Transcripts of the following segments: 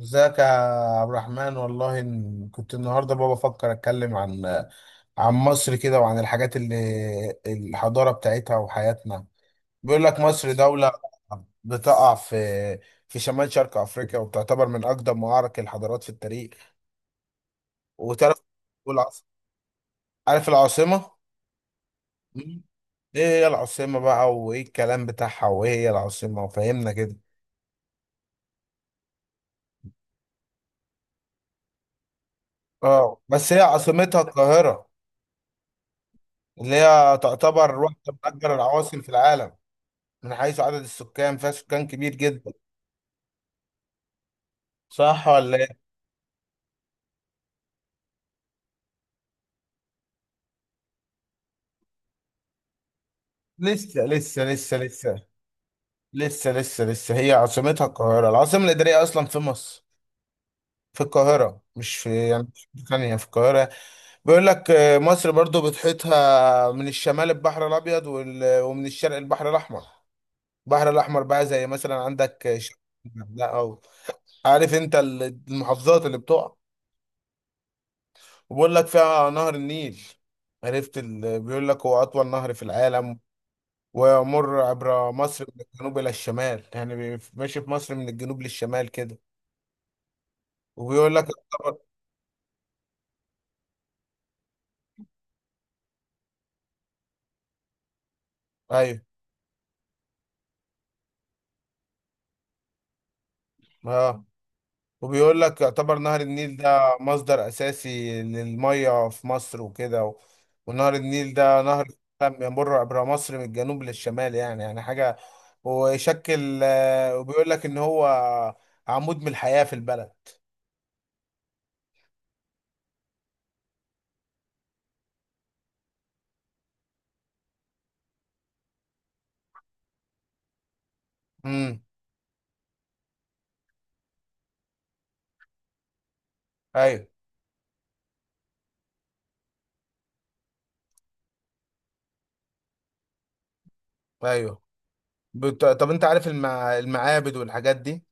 ازيك يا عبد الرحمن، والله كنت النهارده بابا بفكر اتكلم عن مصر كده، وعن الحاجات اللي الحضاره بتاعتها وحياتنا. بيقول لك مصر دولة بتقع في شمال شرق افريقيا، وبتعتبر من اقدم معارك الحضارات في التاريخ. وتعرف والعاصمة، عارف العاصمة؟ مم. ايه هي العاصمة بقى، وايه الكلام بتاعها، وايه هي العاصمة وفهمنا كده. اه بس هي عاصمتها القاهرة، اللي هي تعتبر واحدة من اكبر العواصم في العالم من حيث عدد السكان، فيها سكان كبير جدا. صح ولا ايه؟ لسه لسه لسه لسه لسه لسه لسه، هي عاصمتها القاهرة. العاصمة الإدارية أصلا في مصر، في القاهرة، مش في يعني مش في ثانية، في القاهرة. بيقول لك مصر برضو بتحيطها من الشمال البحر الأبيض، ومن الشرق البحر الأحمر بقى، زي مثلا عندك شرق، لا أو عارف أنت المحافظات اللي بتقع. وبيقول لك فيها نهر النيل. بيقول لك هو أطول نهر في العالم، ويمر عبر مصر من الجنوب إلى الشمال، يعني ماشي في مصر من الجنوب للشمال كده. وبيقول لك يعتبر. أيوه. آه، وبيقول لك يعتبر نهر النيل ده مصدر أساسي للمية في مصر وكده ونهر النيل ده نهر كان بيمر عبر مصر من الجنوب للشمال، يعني حاجة، ويشكل وبيقول لك إن هو عمود من الحياة في البلد. امم. أيوه. أيوه. طب أنت عارف المعابد والحاجات دي؟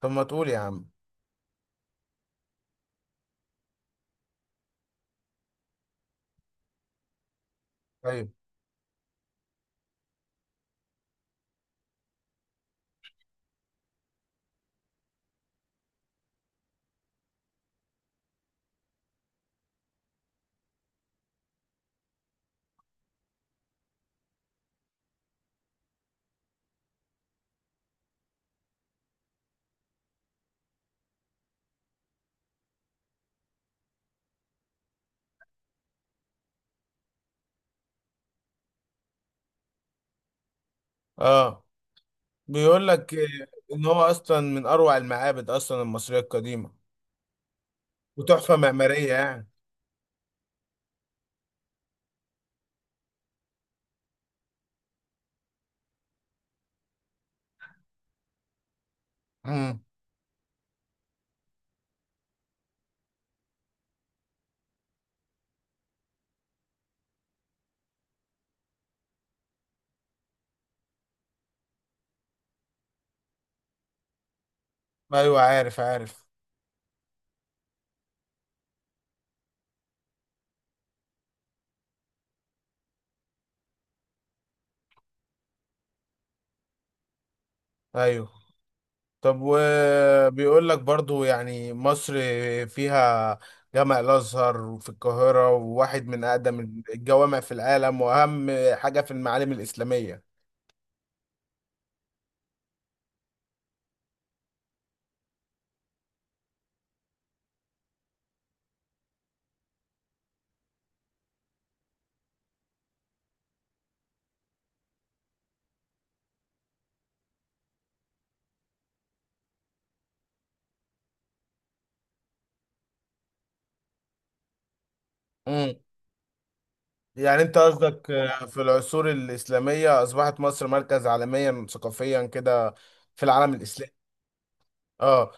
طب ما تقول يا عم. ايوه. اه، بيقول لك ان هو اصلا من اروع المعابد، اصلا المصريه القديمه، وتحفه معماريه يعني. امم. ايوه عارف عارف. ايوه. طب وبيقول لك برضو يعني مصر فيها جامع الازهر في القاهره، وواحد من اقدم الجوامع في العالم، واهم حاجه في المعالم الاسلاميه. امم. يعني انت قصدك في العصور الاسلاميه اصبحت مصر مركز عالميا ثقافيا كده في العالم الاسلامي. اه.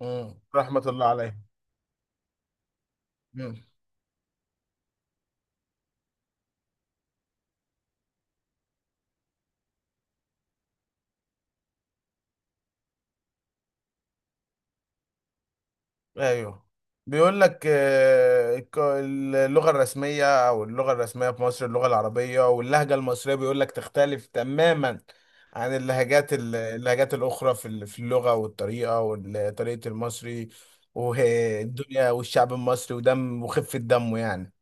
مم. رحمة الله عليه. مم. ايوه، بيقول لك اللغة الرسمية او اللغة الرسمية في مصر اللغة العربية، واللهجة المصرية بيقول لك تختلف تماما عن اللهجات الأخرى في في اللغة والطريقة وطريقة المصري والدنيا والشعب المصري ودم وخفة دمه يعني.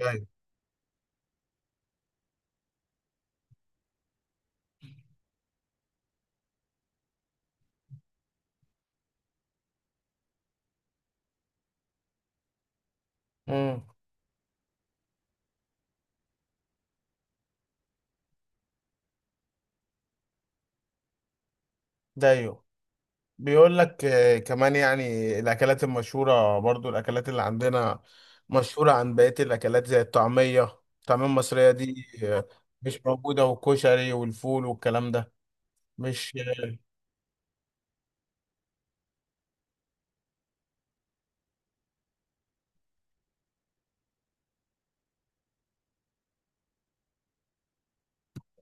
أيوة. امم. ده ايوه، بيقول لك كمان يعني الأكلات المشهورة، برضو الأكلات اللي عندنا مشهورة عن بقية الأكلات، زي الطعمية الطعمية المصرية دي، مش موجودة، والكشري والفول والكلام ده. مش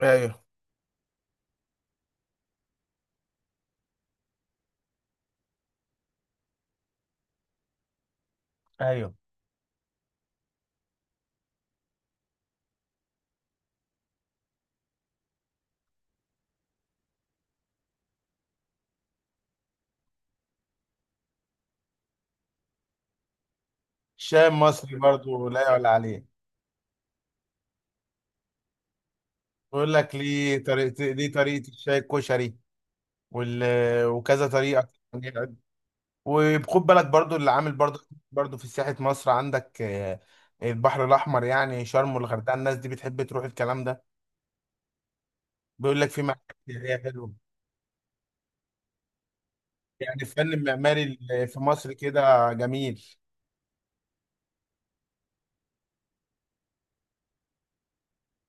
أيوه. أيوه، الشاي المصري برضو لا يعلى عليه. بيقول لك ليه طريقة، ليه طريقة الشاي، الكشري وال... وكذا طريقة. وخد بالك برضو اللي عامل برضو. برضو في سياحة مصر عندك البحر الأحمر، يعني شرم والغردقة، الناس دي بتحب تروح الكلام ده. بيقول لك في معالم سياحية حلوة، يعني الفن المعماري اللي في مصر كده جميل.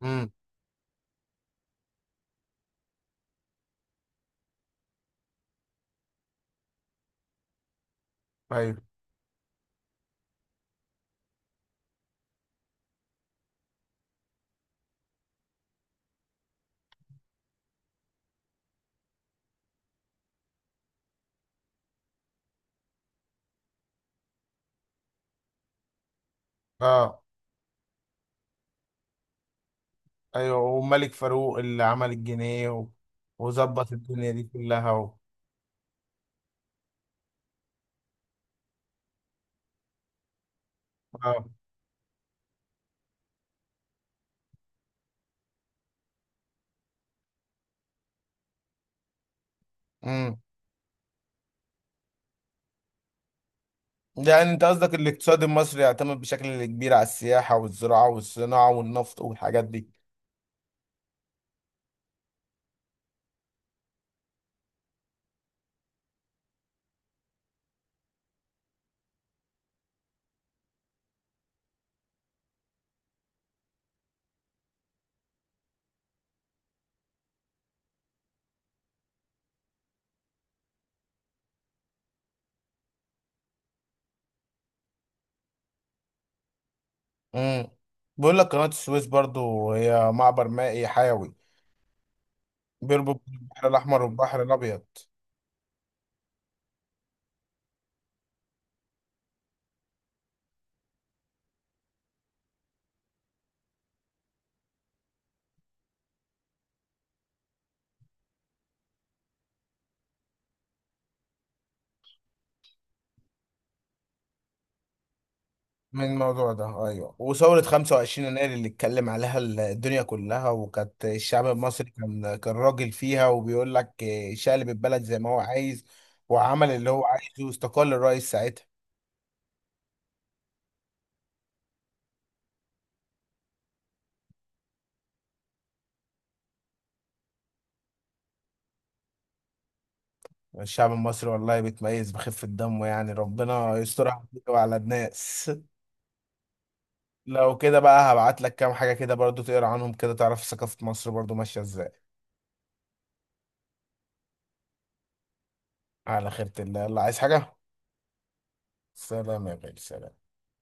امم. ايوه. اه. ايوه، وملك فاروق اللي عمل الجنيه وظبط الدنيا دي كلها اه. امم. يعني انت قصدك الاقتصاد المصري يعتمد بشكل كبير على السياحة والزراعة والصناعة والنفط والحاجات دي. امم. بيقول لك قناة السويس برضو هي معبر مائي حيوي بيربط البحر الأحمر والبحر الأبيض. من الموضوع ده أيوه، وثورة 25 يناير اللي اتكلم عليها الدنيا كلها، وكانت الشعب المصري كان راجل فيها. وبيقول لك شقلب البلد زي ما هو عايز، وعمل اللي هو عايزه، واستقال الرئيس ساعتها. الشعب المصري والله بيتميز بخفة دمه، يعني ربنا يسترها على الناس. لو كده بقى هبعت لك كام حاجة كده برضو تقرا عنهم كده، تعرف ثقافة مصر برضو ماشية ازاي. على خيرة الله، يلا عايز حاجة. سلام يا غالي، سلام.